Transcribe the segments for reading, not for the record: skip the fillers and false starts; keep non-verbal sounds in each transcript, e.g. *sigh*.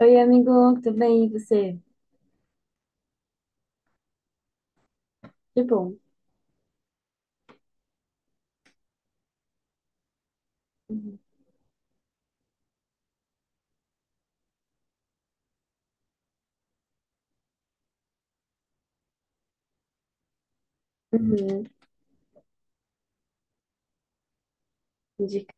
Oi, amigo, tudo bem? E você? Que bom. Uhum. Uhum, indicar.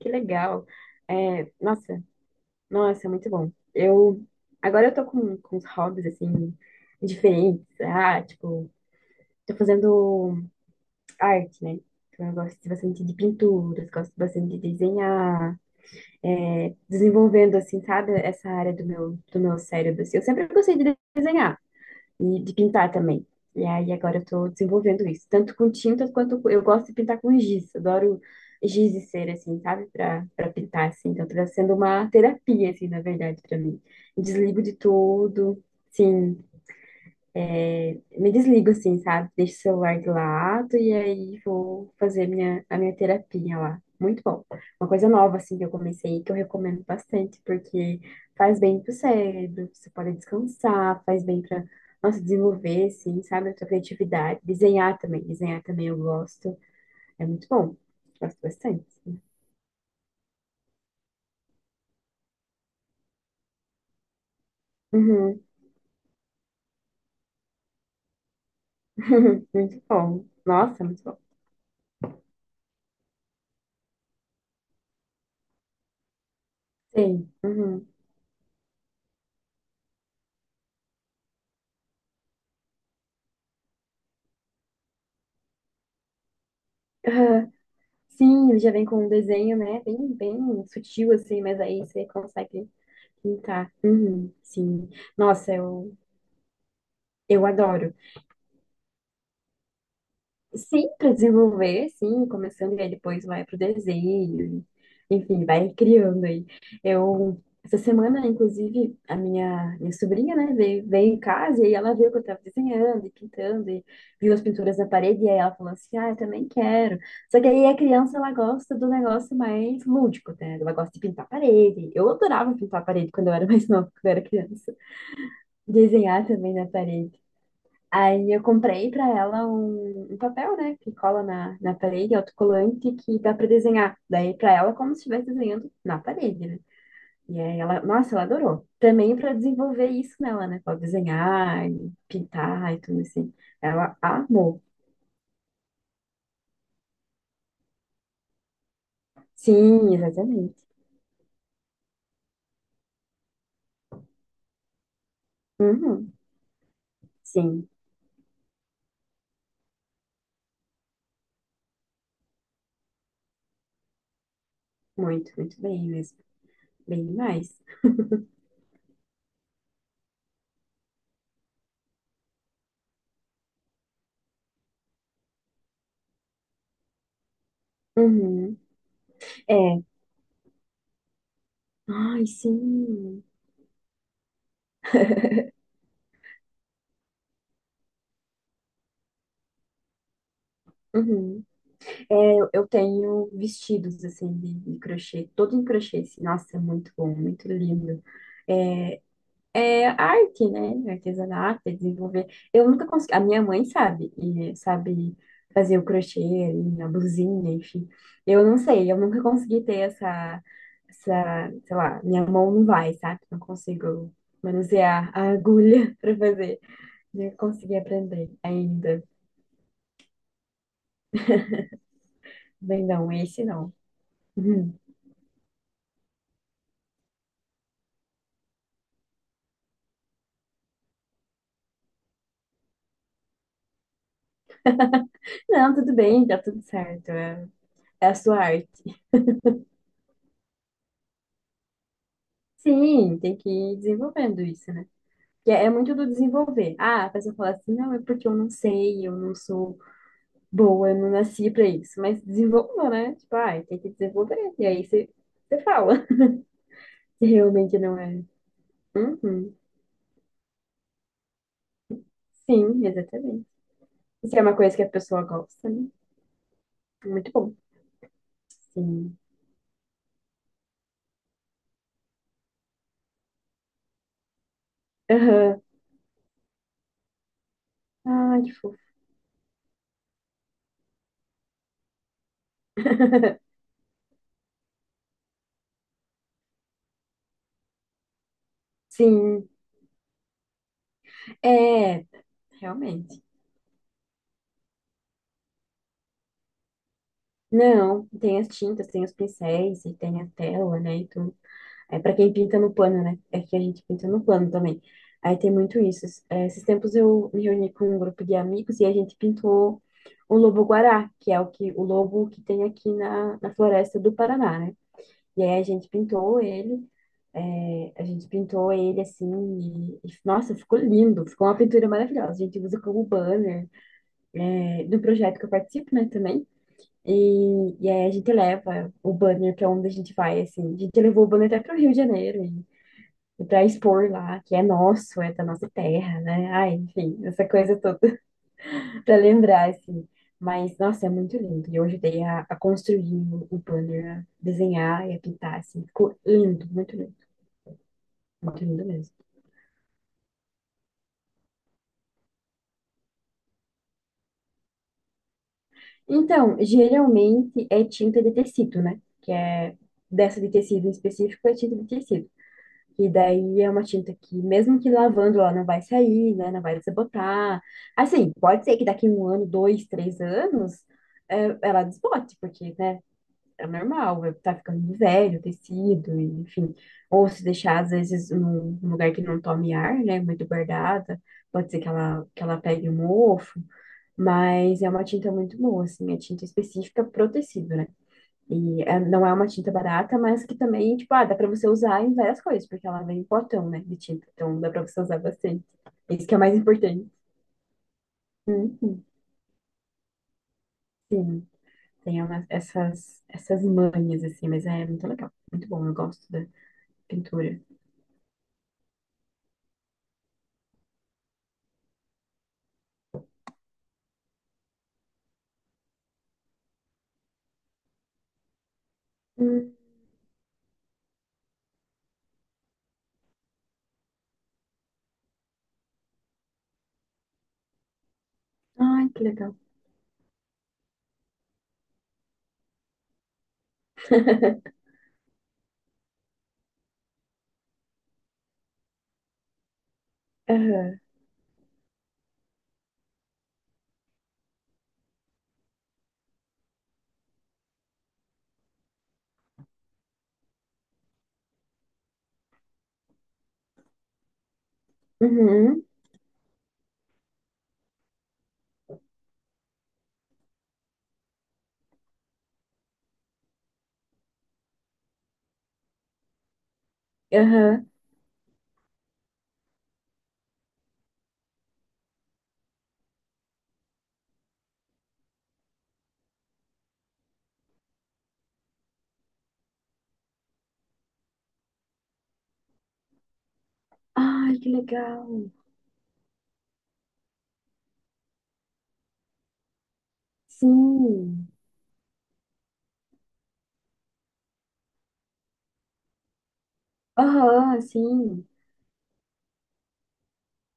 Que legal. É, nossa, nossa, muito bom. Eu agora eu tô com uns hobbies assim diferentes. Ah, tipo, tô fazendo arte, né? Então eu gosto bastante de pinturas, gosto bastante de desenhar, é, desenvolvendo assim, sabe, essa área do meu cérebro, assim. Eu sempre gostei de desenhar e de pintar também. E aí agora eu tô desenvolvendo isso, tanto com tintas eu gosto de pintar com giz. Adoro giz e cera assim, sabe? Pra para pintar assim. Então tá sendo uma terapia assim, na verdade, pra mim. Desligo de tudo. Sim, me desligo assim, sabe? Deixo o celular de lado e aí vou fazer a minha terapia lá. Muito bom. Uma coisa nova, assim, que eu comecei, que eu recomendo bastante, porque faz bem pro cérebro, você pode descansar, faz bem pra, nossa, desenvolver, assim, sabe? A sua criatividade. Desenhar também eu gosto. É muito bom. Gosto bastante assim. Uhum. *laughs* Muito bom. Nossa, muito bom. Sim. Uhum. *laughs* Sim, ele já vem com um desenho, né? Bem, bem sutil, assim, mas aí você consegue pintar. Uhum, sim. Nossa, eu adoro. Sim, para desenvolver, sim, começando e aí depois vai pro desenho, enfim, vai criando aí. Eu, essa semana, inclusive, a minha sobrinha, né, veio em casa e aí ela viu que eu tava desenhando e pintando e viu as pinturas na parede e aí ela falou assim, ah, eu também quero. Só que aí a criança, ela gosta do negócio mais lúdico, né, ela gosta de pintar a parede. Eu adorava pintar a parede quando eu era *laughs* mais nova, quando eu era criança. Desenhar também na parede. Aí eu comprei pra ela um papel, né, que cola na parede, autocolante, que dá pra desenhar. Daí pra ela, como se estivesse desenhando na parede, né? E aí ela, nossa, ela adorou. Também pra desenvolver isso nela, né, pra desenhar, e pintar e tudo assim. Ela amou. Sim, exatamente. Uhum. Sim, muito, muito bem mesmo. Bem demais. Uhum. É. Ai, sim. Uhum. É, eu tenho vestidos assim de crochê, todo em crochê, assim. Nossa, é muito bom, muito lindo. É é arte, né? Artesanato, é desenvolver. Eu nunca consegui. A minha mãe sabe, e sabe fazer o crochê, e a blusinha, enfim. Eu não sei, eu nunca consegui ter essa, sei lá, minha mão não vai, sabe? Não consigo manusear a agulha *laughs* para fazer. Não consegui aprender ainda. Bem, não, esse não. *laughs* Não, tudo bem, tá tudo certo. É, é a sua arte. Sim, tem que ir desenvolvendo isso, né? Que é muito do desenvolver. Ah, a pessoa fala assim, não, é porque eu não sei, eu não sou boa, eu não nasci pra isso. Mas desenvolva, né? Tipo, ah, tem que desenvolver. E aí você, você fala *laughs* se realmente não é. Uhum. Sim, exatamente. Isso é uma coisa que a pessoa gosta, né? Muito bom. Sim. Aham. Ai, que fofo. *laughs* Sim. É, realmente. Não, tem as tintas, tem os pincéis e tem a tela, né? E tudo. É para quem pinta no plano, né? É que a gente pinta no plano também. Aí tem muito isso. É, esses tempos eu me reuni com um grupo de amigos e a gente pintou o lobo-guará, que é o que o lobo que tem aqui na floresta do Paraná, né? E aí a gente pintou ele, é, a gente pintou ele assim, e, nossa, ficou lindo, ficou uma pintura maravilhosa. A gente usa como banner, é, do projeto que eu participo, né, também. E aí a gente leva o banner para onde a gente vai, assim. A gente levou o banner até para o Rio de Janeiro para expor lá, que é nosso, é da nossa terra, né? Ai, enfim, essa coisa toda *laughs* para lembrar, assim. Mas, nossa, é muito lindo. E eu ajudei a construir o banner, a desenhar e a pintar, assim. Ficou lindo, muito lindo, muito lindo mesmo. Então, geralmente é tinta de tecido, né? Que é dessa de tecido em específico, é tinta de tecido. E daí é uma tinta que, mesmo que lavando, ela não vai sair, né? Não vai desbotar. Assim, pode ser que daqui um ano, dois, três anos, é, ela desbote, porque, né? É normal, tá ficando velho o tecido, e, enfim. Ou se deixar, às vezes, num lugar que não tome ar, né? Muito guardada, pode ser que ela pegue um mofo. Mas é uma tinta muito boa, assim, é tinta específica pro tecido, né? E não é uma tinta barata, mas que também, tipo, ah, dá pra você usar em várias coisas, porque ela vem em potão, né, de tinta. Então dá pra você usar bastante. Isso que é o mais importante. Uhum, sim, essas manhas, assim, mas é muito legal. Muito bom, eu gosto da pintura. Hum, ai, que legal. *laughs* Aham. Uhum. Aham. Ai, que legal. Sim. Aham, sim.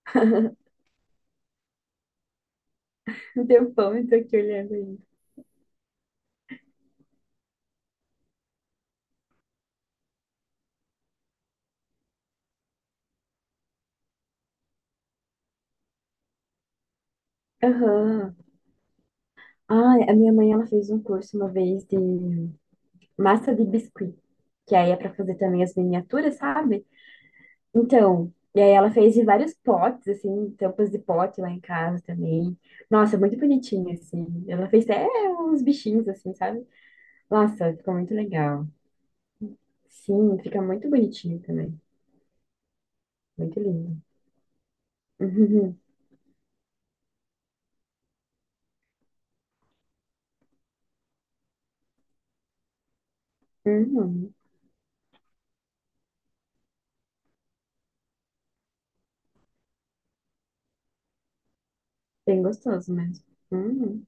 *laughs* Um tempão eu tô aqui olhando ainda. Aham. Ah, a minha mãe ela fez um curso uma vez de massa de biscuit, que aí é para fazer também as miniaturas, sabe? Então, e aí ela fez de vários potes, assim, tampas de pote lá em casa também. Nossa, muito bonitinho, assim. Ela fez até uns bichinhos, assim, sabe? Nossa, ficou muito legal. Sim, fica muito bonitinho também. Muito lindo. *laughs* Uhum. Uhum. Bem gostoso mesmo. Uhum.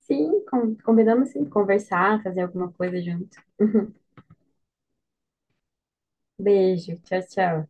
Sim, combinamos sim, conversar, fazer alguma coisa junto. *laughs* Beijo, tchau, tchau.